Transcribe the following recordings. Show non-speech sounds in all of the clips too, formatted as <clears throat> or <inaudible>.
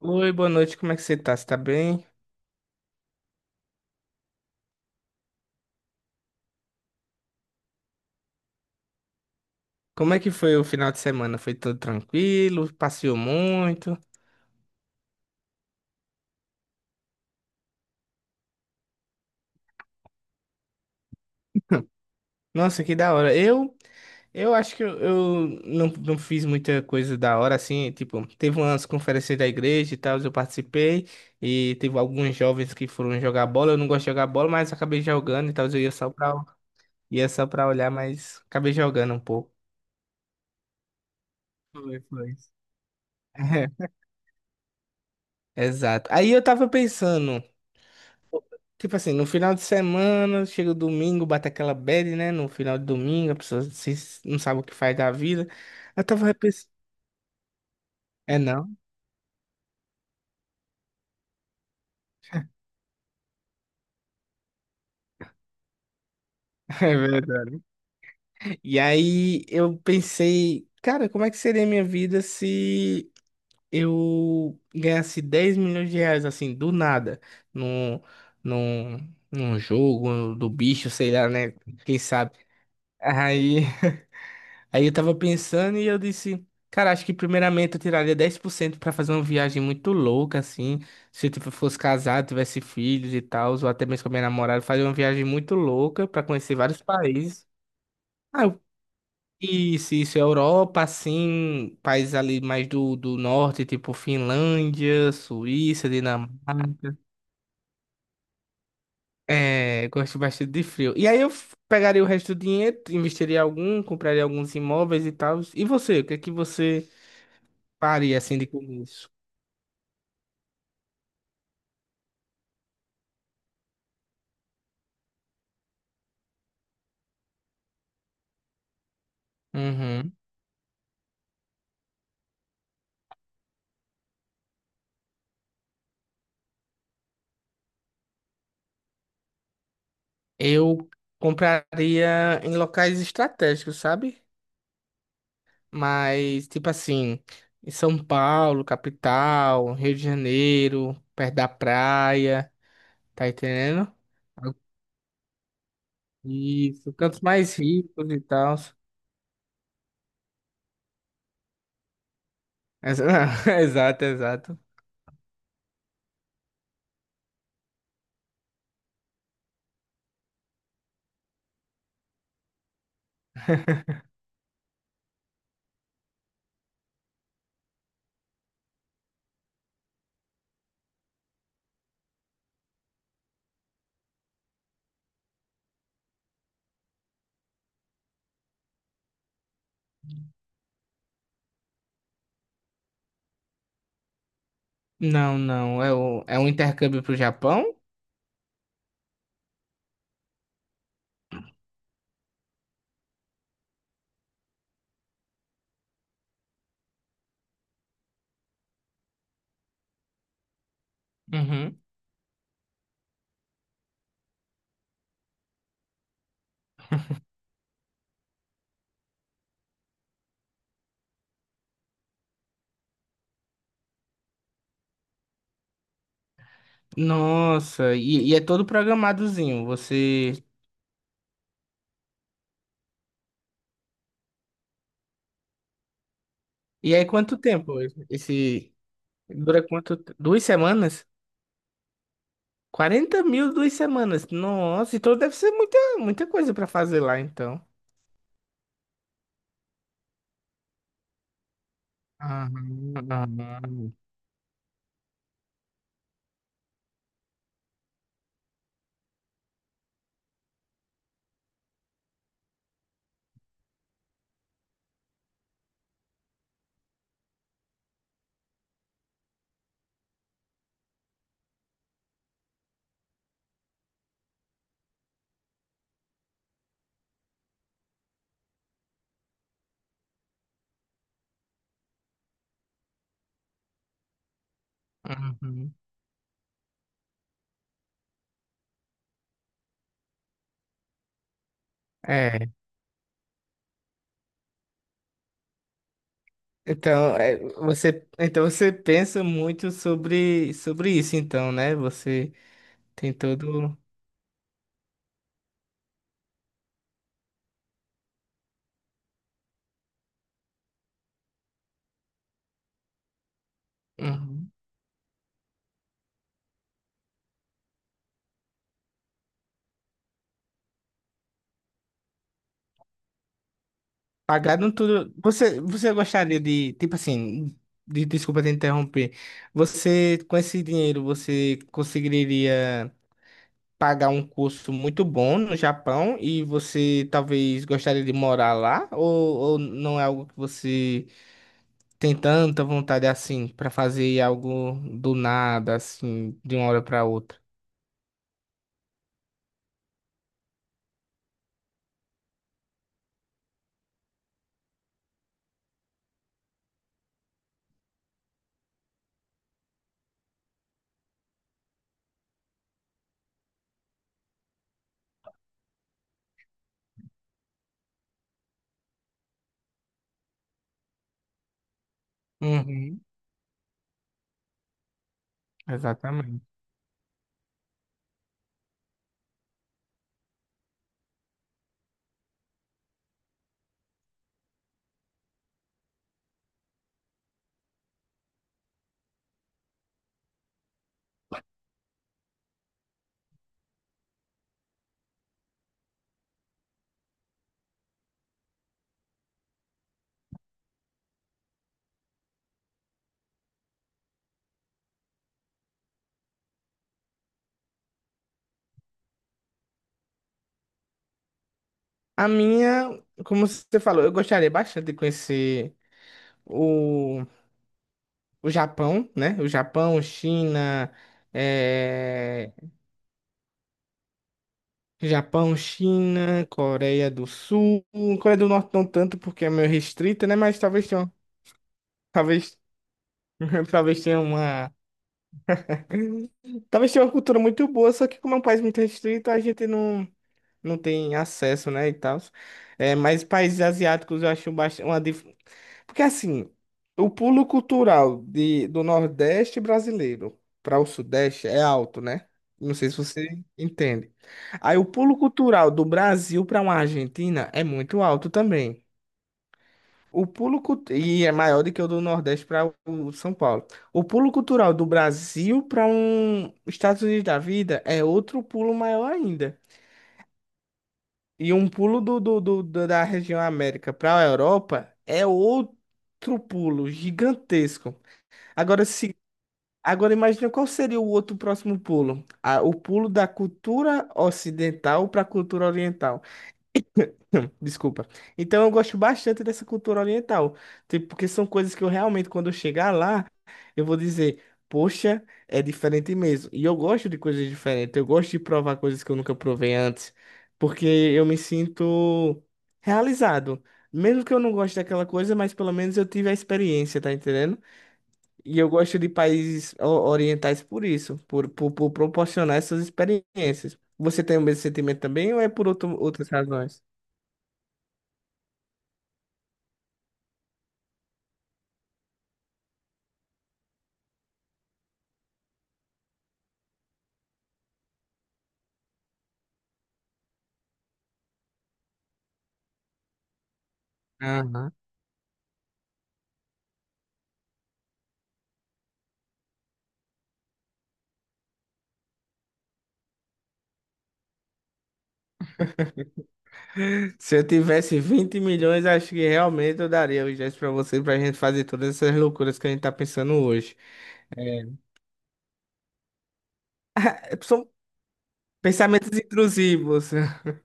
Oi, boa noite, como é que você tá? Você tá bem? Como é que foi o final de semana? Foi tudo tranquilo? Passeou muito? <laughs> Nossa, que da hora. Eu acho que eu não fiz muita coisa da hora, assim, tipo, teve umas conferências da igreja e tal, eu participei, e teve alguns jovens que foram jogar bola, eu não gosto de jogar bola, mas acabei jogando e tal, eu ia só pra olhar, mas acabei jogando um pouco. Foi, foi. <laughs> Exato. Aí eu tava pensando, tipo assim, no final de semana, chega o domingo, bate aquela bad, né? No final de domingo, a pessoa não sabe o que faz da vida. Eu tava repensando. É não? <laughs> É verdade. E aí eu pensei, cara, como é que seria a minha vida se eu ganhasse 10 milhões de reais, assim, do nada, num, num, num jogo do bicho, sei lá, né? Quem sabe? Aí. Aí eu tava pensando e eu disse, cara, acho que primeiramente eu tiraria 10% pra fazer uma viagem muito louca, assim. Se eu tipo, fosse casado, tivesse filhos e tal, ou até mesmo com a minha namorada, fazer uma viagem muito louca pra conhecer vários países. Ah, eu- isso, isso, Europa, assim, países ali mais do norte, tipo Finlândia, Suíça, Dinamarca. É, eu gosto bastante de frio. E aí eu pegaria o resto do dinheiro, investiria algum, compraria alguns imóveis e tal. E você, o que é que você faria assim de começo? Uhum. Eu compraria em locais estratégicos, sabe? Mas, tipo assim, em São Paulo, capital, Rio de Janeiro, perto da praia, tá entendendo? Isso, cantos mais ricos e tal. Ex- <laughs> Exato, exato. Não, não, é um intercâmbio pro Japão? Uhum. Nossa, e é todo programadozinho, você... E aí, quanto tempo esse... Dura quanto? 2 semanas? 40.000 2 semanas. Nossa, então deve ser muita, muita coisa para fazer lá, então. Uhum, uhum. Uhum. É. Então, é, então você pensa muito sobre, sobre isso, então, né? Você tem todo. Uhum. Pagado tudo. Você, você gostaria de, tipo assim, desculpa te interromper. Você, com esse dinheiro, você conseguiria pagar um curso muito bom no Japão e você talvez gostaria de morar lá? Ou não é algo que você tem tanta vontade assim pra fazer algo do nada, assim, de uma hora pra outra? Uhum, exatamente. A minha, como você falou, eu gostaria bastante de conhecer o, o Japão, né? O Japão, China, eh, Japão, China, Coreia do Sul. Coreia do Norte não tanto porque é meio restrita, né? Mas talvez tenha, talvez, <laughs> talvez tenha uma, talvez tenha uma cultura muito boa, só que como é um país muito restrito, a gente não tem acesso, né, e tal. É, mas países asiáticos eu acho bastante porque assim, o pulo cultural do Nordeste brasileiro para o Sudeste é alto, né? Não sei se você entende. Aí o pulo cultural do Brasil para uma Argentina é muito alto também. E é maior do que o do Nordeste para o São Paulo. O pulo cultural do Brasil para um Estados Unidos da vida é outro pulo maior ainda. E um pulo da região América para a Europa é outro pulo gigantesco. Agora, se, agora imagina qual seria o outro próximo pulo. Ah, o pulo da cultura ocidental para a cultura oriental. <laughs> Desculpa. Então eu gosto bastante dessa cultura oriental, tipo, porque são coisas que eu realmente, quando eu chegar lá, eu vou dizer, poxa, é diferente mesmo. E eu gosto de coisas diferentes, eu gosto de provar coisas que eu nunca provei antes, porque eu me sinto realizado. Mesmo que eu não goste daquela coisa, mas pelo menos eu tive a experiência, tá entendendo? E eu gosto de países orientais por isso, por proporcionar essas experiências. Você tem o mesmo sentimento também ou é por outras razões? Se eu tivesse 20 milhões, acho que realmente eu daria os gestos pra você, pra gente fazer todas essas loucuras que a gente tá pensando hoje. É, é, são pensamentos intrusivos. <laughs>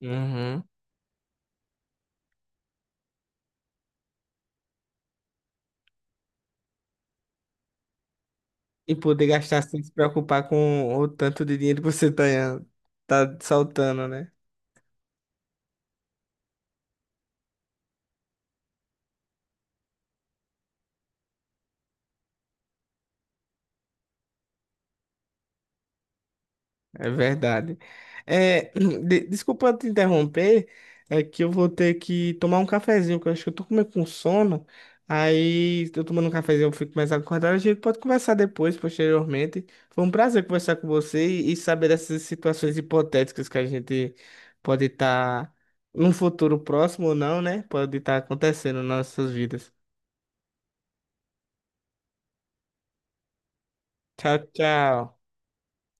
Uhum. E poder gastar sem se preocupar com o tanto de dinheiro que você tá saltando, né? É verdade. É, <clears throat> desculpa te interromper, é que eu vou ter que tomar um cafezinho, que eu acho que eu tô com meio com sono. Aí, eu tomando um cafezinho, eu fico mais acordado. A gente pode conversar depois, posteriormente. Foi um prazer conversar com você e saber dessas situações hipotéticas que a gente pode estar num futuro próximo ou não, né? Pode estar acontecendo nas nossas vidas. Tchau, tchau.